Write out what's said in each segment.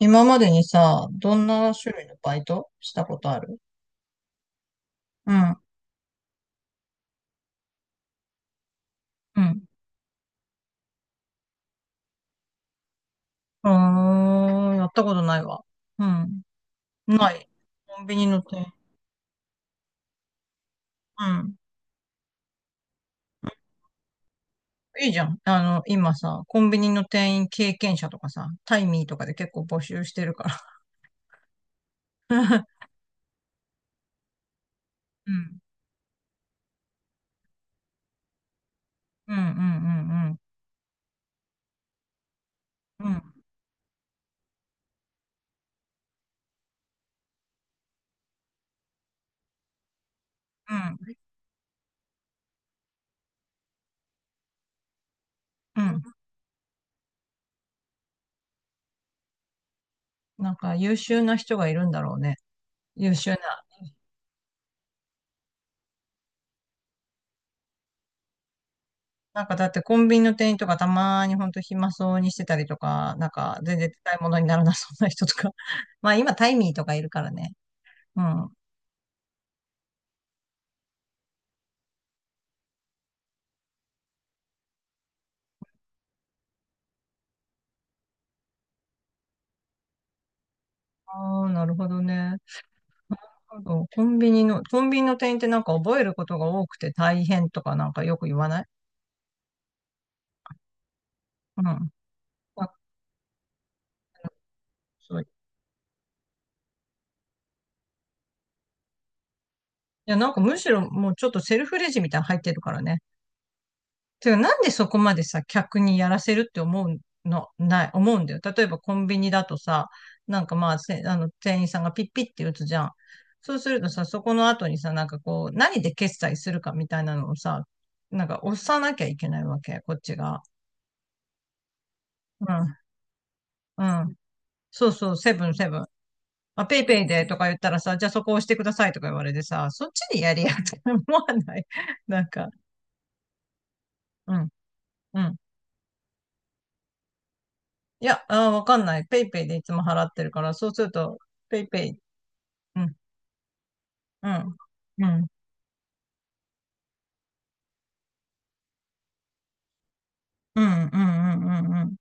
今までにさ、どんな種類のバイトしたことある？うん。うん。あー、やったことないわ。うん。ない。コンビニの店員。うん。いいじゃん。あの、今さ、コンビニの店員経験者とかさ、タイミーとかで結構募集してるから。うん。うんうんうんうん。うん。うん。うん。なんか優秀な人がいるんだろうね。優秀な。なんかだってコンビニの店員とかたまーにほんと暇そうにしてたりとか、なんか全然使い物にならなそうな人とか。まあ今タイミーとかいるからね。うん。ああ、なるほどね。そうコンビニの、コンビニの店員ってなんか覚えることが多くて大変とかなんかよく言わない？うん。あ、そう。いや、なんかむしろもうちょっとセルフレジみたいなの入ってるからね。てか、なんでそこまでさ、客にやらせるって思うの、ない、思うんだよ。例えばコンビニだとさ、なんかまあ、せあの、店員さんがピッピッって打つじゃん。そうするとさ、そこの後にさ、なんかこう、何で決済するかみたいなのをさ、なんか押さなきゃいけないわけ、こっちが。うん、うん。そうそう、セブン。まあ、ペイペイでとか言ったらさ、じゃあそこ押してくださいとか言われてさ、そっちでやりやって思わない？なんか、うん、うん。いや、あー、わかんない。ペイペイでいつも払ってるから、そうすると、ペイペイ、うん、うん、うん、うん、うん、うん、うん、うん。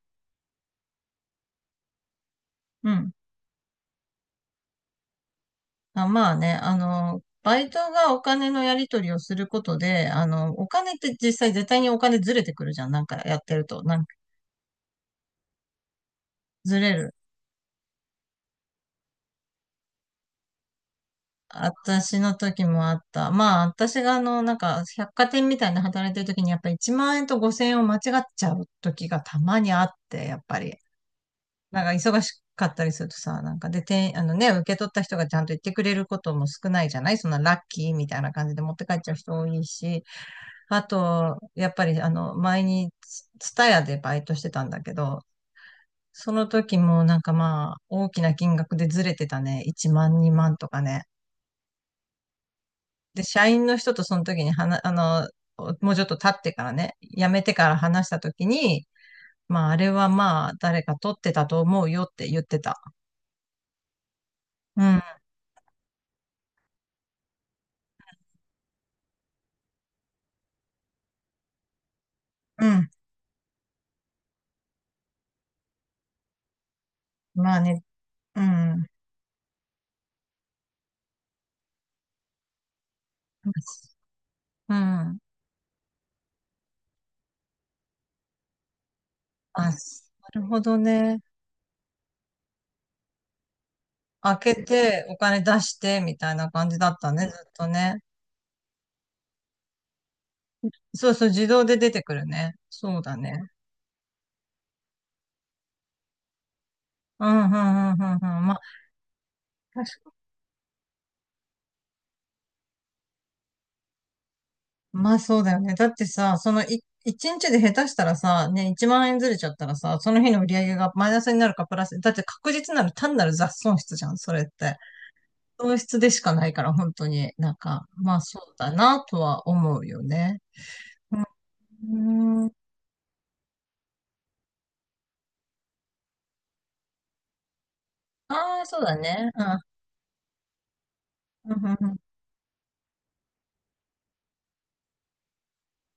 あ、まあね、あの、バイトがお金のやり取りをすることで、あの、お金って実際絶対にお金ずれてくるじゃん。なんかやってると。なんかずれる。私の時もあった。まあ、私があの、なんか、百貨店みたいな働いてる時に、やっぱ1万円と5000円を間違っちゃう時がたまにあって、やっぱり。なんか忙しかったりするとさ、なんかで、てん、あのね、受け取った人がちゃんと言ってくれることも少ないじゃない、そんなラッキーみたいな感じで持って帰っちゃう人多いし、あと、やっぱりあの、前にツ、ツタヤでバイトしてたんだけど、その時もなんかまあ、大きな金額でずれてたね。1万、2万とかね。で、社員の人とその時に話、あの、もうちょっと経ってからね、辞めてから話した時に、まあ、あれはまあ、誰か取ってたと思うよって言ってた。うん。うん。まあね、うん。うん。あ、なるほどね。開けて、お金出して、みたいな感じだったね、ずっとね。そうそう、自動で出てくるね。そうだね。うん、うん、うん、うん、うん。まあ、確か、まあそうだよね。だってさ、そのい、一日で下手したらさ、ね、1万円ずれちゃったらさ、その日の売り上げがマイナスになるかプラス、だって確実なる単なる雑損失じゃん、それって。損失でしかないから、本当に、なんか、まあそうだな、とは思うよね。うーん。ああ、そうだね。うん。うんうんうん。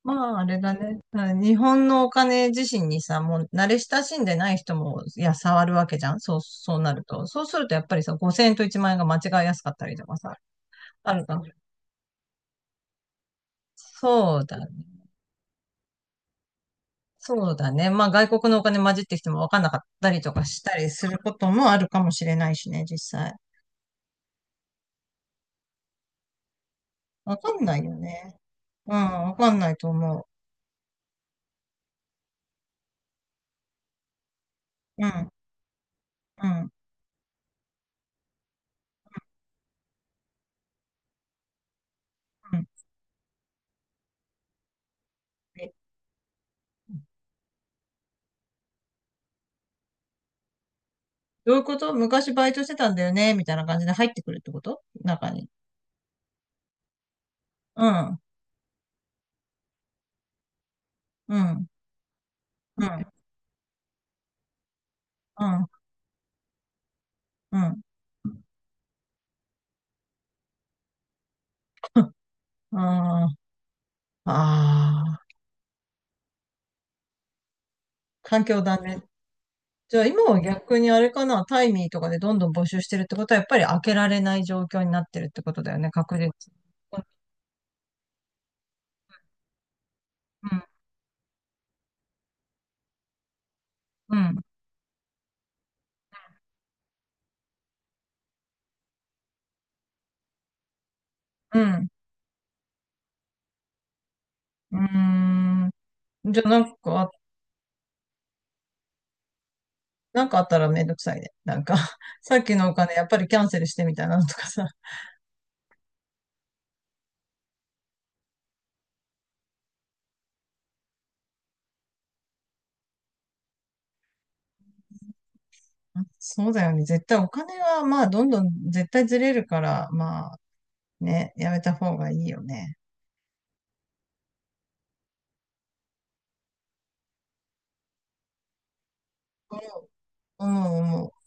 まあ、あれだね。うん、日本のお金自身にさ、もう慣れ親しんでない人も、いや、触るわけじゃん。そう、そうなると。そうすると、やっぱりさ、5000円と1万円が間違いやすかったりとかさ、あるか。そうだね。そうだね。まあ、外国のお金混じってきても分かんなかったりとかしたりすることもあるかもしれないしね、実際。分かんないよね。うん、分かんないと思う。うん、うん、うん。どういうこと？昔バイトしてたんだよねみたいな感じで入ってくるってこと？中に。うん、うん、うん、うん、うん。ああ、ああ、環境だね。じゃあ今は逆にあれかな、タイミーとかでどんどん募集してるってことは、やっぱり開けられない状況になってるってことだよね、確実に。うん、うん、うん。うーん。じゃあなんか、なんかあったらめんどくさいね。なんか、さっきのお金やっぱりキャンセルしてみたいなのとかさ。そうだよね。絶対お金は、まあ、どんどん絶対ずれるから、まあ、ね、やめた方がいいよね。うん、うん、思うん。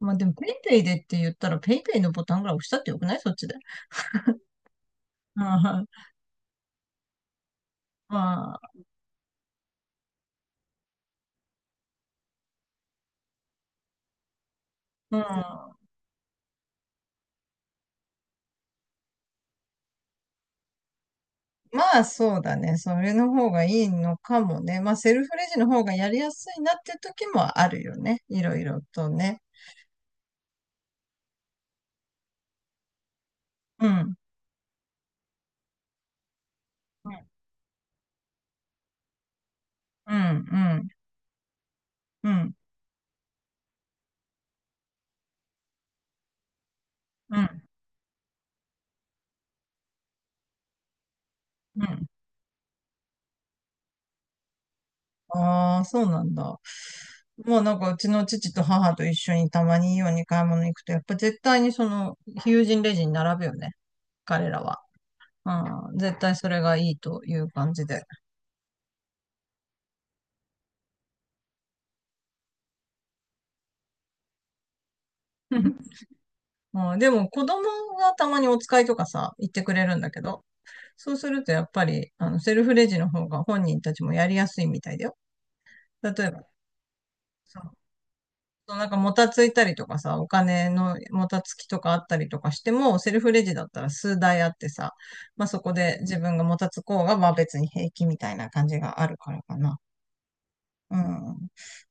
まあ、でも、ペイペイでって言ったら、ペイペイのボタンぐらい押したってよくない？そっちで。うん、まあ、うん。まあ、そうだね。それの方がいいのかもね。まあ、セルフレジの方がやりやすいなっていう時もあるよね。いろいろとね。うん。うん、うん、うん、うん、うん。うん。ああ、そうなんだ。まあなんかうちの父と母と一緒にたまにイオンに買い物行くと、やっぱ絶対にその、友人レジに並ぶよね。彼らは。うん、絶対それがいいという感じで。うん、でも子供がたまにお使いとかさ、言ってくれるんだけど、そうするとやっぱり、あの、セルフレジの方が本人たちもやりやすいみたいだよ。例えば、そうなんかもたついたりとかさ、お金のもたつきとかあったりとかしても、セルフレジだったら数台あってさ、まあそこで自分がもたつこうが、まあ別に平気みたいな感じがあるからかな。うん。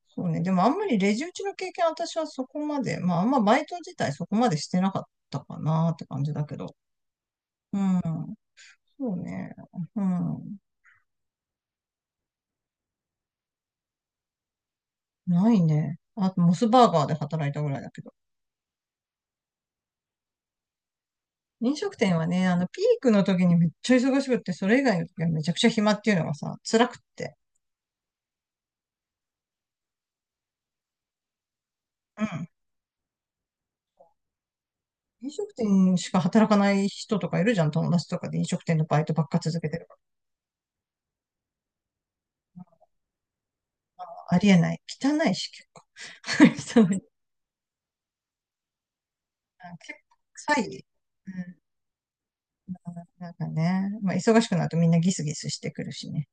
そうね。でもあんまりレジ打ちの経験私はそこまで、まああんまバイト自体そこまでしてなかったかなって感じだけど。うん。そうね。うん。ないね。あとモスバーガーで働いたぐらいだけど。飲食店はね、あの、ピークの時にめっちゃ忙しくって、それ以外の時はめちゃくちゃ暇っていうのがさ、辛くって。うん。飲食店しか働かない人とかいるじゃん、友達とかで飲食店のバイトばっか続けてるから。ありえない。汚いし、結構。汚い。あ結構臭い。うん。なんかね、まあ、忙しくなるとみんなギスギスしてくるしね。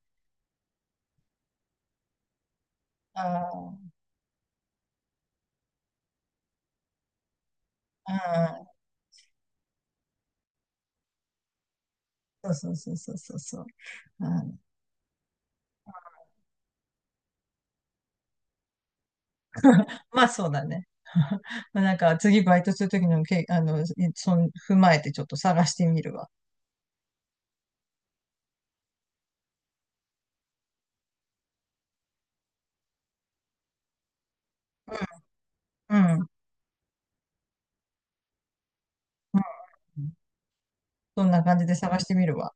ああ、ああ、そうそうそうそうそうそう。あー、まあそうだね。まあ、なんか次バイトするときのけ、あの、そん、踏まえてちょっと探してみるわ。うん。うんうん。そんな感じで探してみるわ。